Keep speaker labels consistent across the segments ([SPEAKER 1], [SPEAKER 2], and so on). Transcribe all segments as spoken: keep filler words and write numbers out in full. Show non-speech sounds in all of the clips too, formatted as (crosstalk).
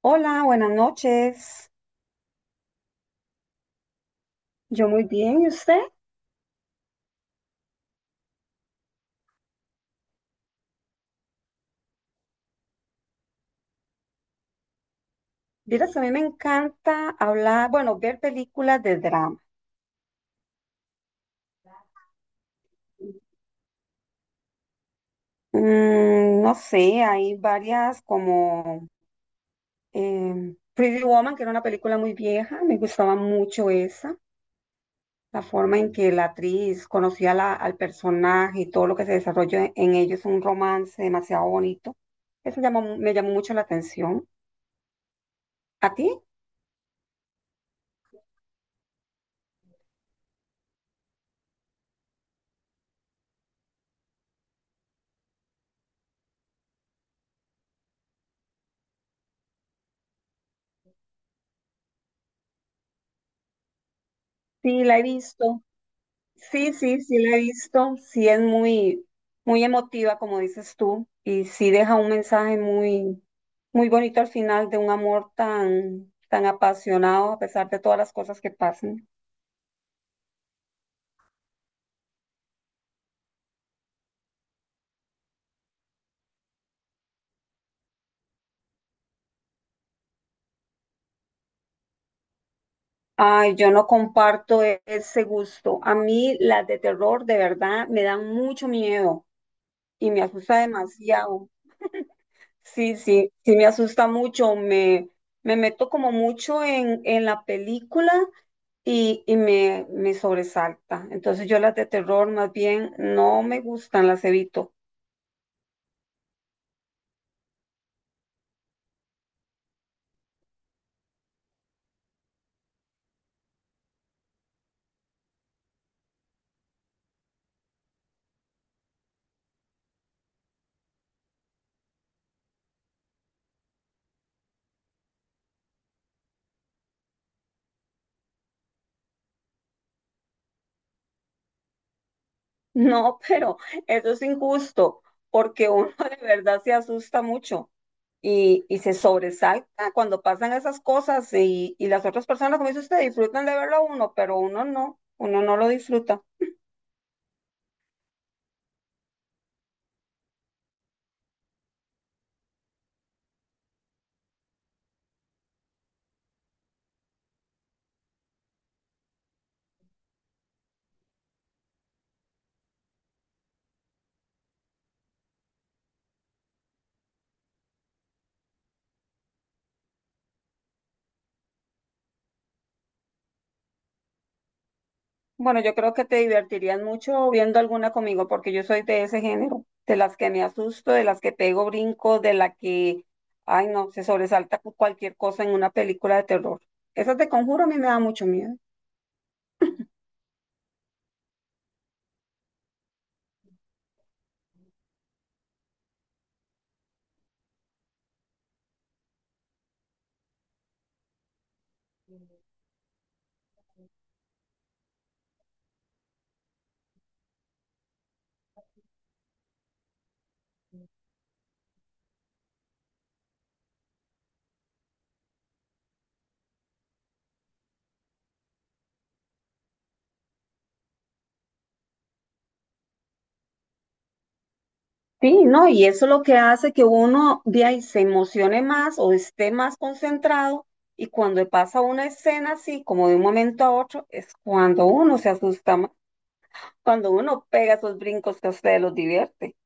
[SPEAKER 1] Hola, buenas noches. Yo muy bien, ¿y usted? Vieras, a mí me encanta hablar, bueno, ver películas de drama. Mm, no sé, hay varias como eh, Pretty Woman, que era una película muy vieja, me gustaba mucho esa, la forma en que la actriz conocía la- al personaje y todo lo que se desarrolló en, en ellos, un romance demasiado bonito. Eso llamó me llamó mucho la atención. ¿A ti? Sí, la he visto. Sí, sí, sí la he visto, sí es muy, muy emotiva, como dices tú, y sí deja un mensaje muy, muy bonito al final de un amor tan, tan apasionado a pesar de todas las cosas que pasan. Ay, yo no comparto e- ese gusto. A mí las de terror de verdad me dan mucho miedo y me asusta demasiado. Sí, sí, sí me asusta mucho, me, me meto como mucho en, en la película y, y me, me sobresalta. Entonces yo las de terror más bien no me gustan, las evito. (laughs) No, pero eso es injusto, porque uno (laughs) de verdad se asusta mucho y, y se sobresalta cuando pasan esas cosas y, y las otras personas, como dice usted, disfrutan de verlo a uno, pero uno no, uno no lo disfruta. Bueno, yo creo que te divertirías mucho viendo alguna conmigo, porque yo soy de ese género, de las que me asusto, de las que pego brinco, de la que, ay no, se sobresalta con cualquier cosa en una película de terror. Esas de Conjuro a mí me da mucho miedo. Sí, no, y eso es lo que hace que uno de ahí se emocione más o esté más concentrado, y cuando pasa una escena así, como de un momento a otro, es cuando uno se asusta más, cuando uno pega esos brincos que a ustedes los divierte.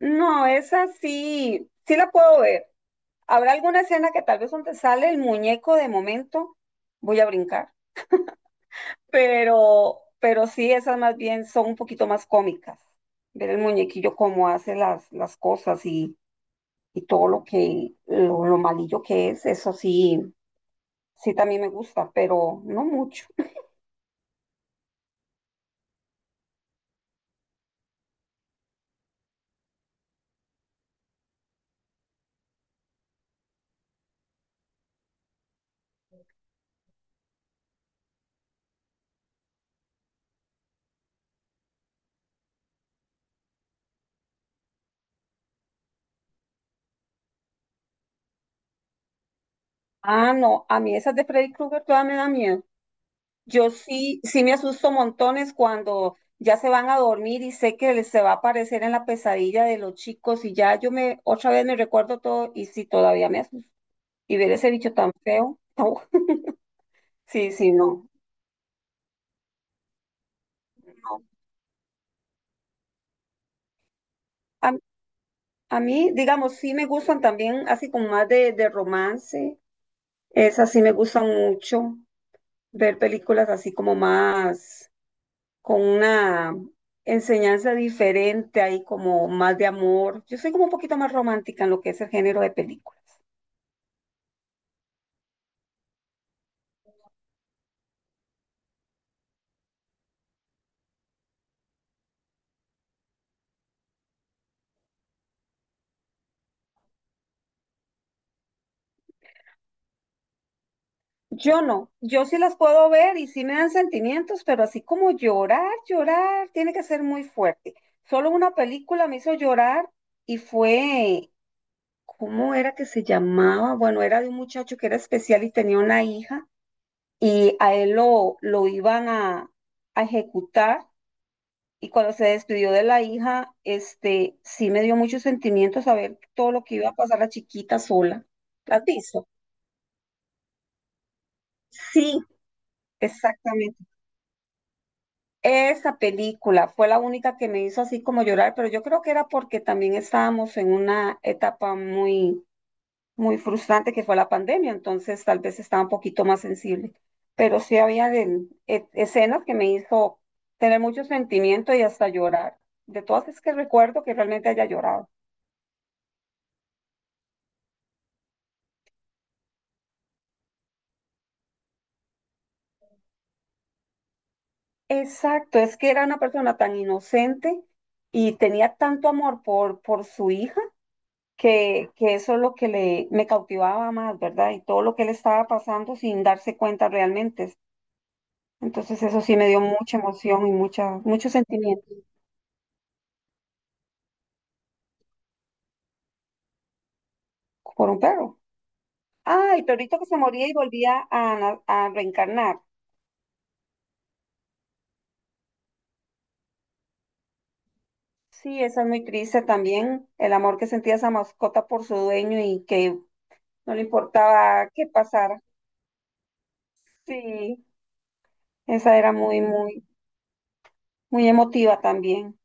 [SPEAKER 1] No, esa sí, sí la puedo ver. Habrá alguna escena que tal vez donde sale el muñeco de momento, voy a brincar. Pero, pero sí, esas más bien son un poquito más cómicas. Ver el muñequillo cómo hace las, las cosas y, y todo lo que, lo, lo malillo que es, eso sí, sí también me gusta, pero no mucho. Ah, no, a mí esas de Freddy Krueger todas me dan miedo. Yo sí, sí me asusto montones cuando ya se van a dormir y sé que les se va a aparecer en la pesadilla de los chicos y ya yo me otra vez me recuerdo todo y sí todavía me asusto. Y ver ese bicho tan feo, no, sí, sí, no, no. A, a mí, digamos, sí me gustan también así como más de, de romance, esas sí me gustan mucho, ver películas así como más con una enseñanza diferente, ahí como más de amor. Yo soy como un poquito más romántica en lo que es el género de películas. Yo no, yo sí las puedo ver y sí me dan sentimientos, pero así como llorar, llorar, tiene que ser muy fuerte. Solo una película me hizo llorar y fue, ¿cómo era que se llamaba? Bueno, era de un muchacho que era especial y tenía una hija y a él lo, lo iban a, a ejecutar. Y cuando se despidió de la hija, este, sí me dio mucho sentimiento saber todo lo que iba a pasar la chiquita sola. ¿La has visto? Sí, exactamente. Esa película fue la única que me hizo así como llorar, pero yo creo que era porque también estábamos en una etapa muy, muy frustrante que fue la pandemia, entonces tal vez estaba un poquito más sensible. Pero sí había de- e- escenas que me hizo tener mucho sentimiento y hasta llorar. De todas es que recuerdo que realmente haya llorado. Exacto, es que era una persona tan inocente y tenía tanto amor por, por su hija que, que eso es lo que le, me cautivaba más, ¿verdad? Y todo lo que le estaba pasando sin darse cuenta realmente. Entonces eso sí me dio mucha emoción y mucha, mucho sentimiento por un perro. Ah, el perrito que se moría y volvía a, na- a reencarnar. Sí, esa es muy triste también, el amor que sentía esa mascota por su dueño y que no le importaba qué pasara. Sí, esa era muy, muy, muy emotiva también.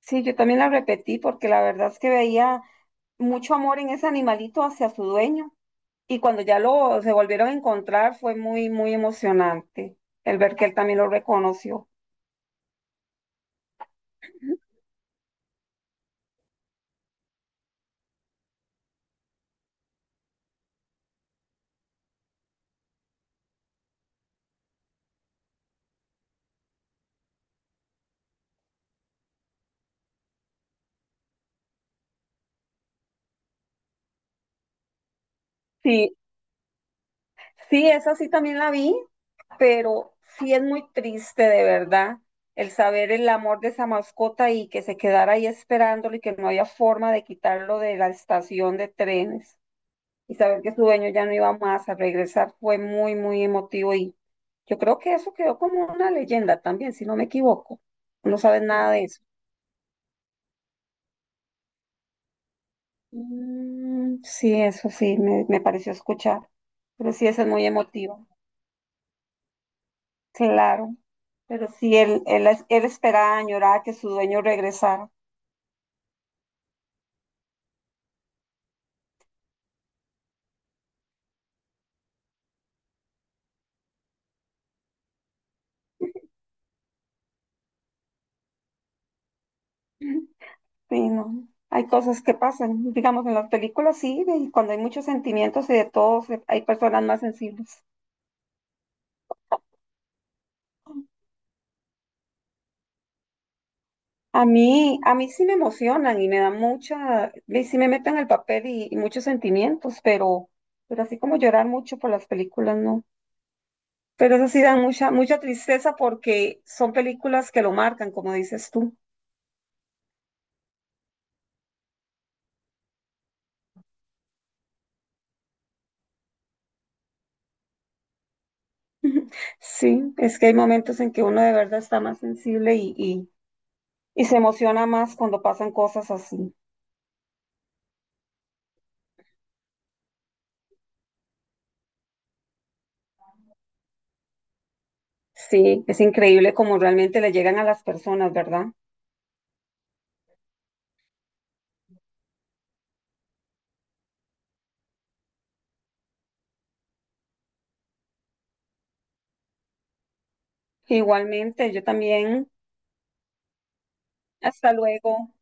[SPEAKER 1] Sí, yo también la repetí porque la verdad es que veía mucho amor en ese animalito hacia su dueño y cuando ya lo se volvieron a encontrar fue muy, muy emocionante el ver que él también lo reconoció. Sí, sí, esa sí también la vi, pero sí es muy triste de verdad el saber el amor de esa mascota y que se quedara ahí esperándolo y que no había forma de quitarlo de la estación de trenes, y saber que su dueño ya no iba más a regresar fue muy, muy emotivo y yo creo que eso quedó como una leyenda también, si no me equivoco. No sabes nada de eso. Mm, sí, eso sí, me, me pareció escuchar, pero sí, eso es muy emotivo, claro. Pero sí, él, él, es- él esperaba, añoraba que su dueño regresara. Ujú. Sí, no. Hay cosas que pasan, digamos, en las películas sí, y cuando hay muchos sentimientos y de todos, eh, hay personas más sensibles. A mí, a mí sí me emocionan y me da mucha, y sí me meten el papel y, y muchos sentimientos, pero, pero así como llorar mucho por las películas, no. Pero eso sí dan mucha, mucha tristeza porque son películas que lo marcan, como dices tú. Sí, es que hay momentos en que uno de verdad está más sensible y, y, y se emociona más cuando pasan cosas así. Sí, es increíble como realmente le llegan a las personas, ¿verdad? Igualmente, yo también. Hasta luego.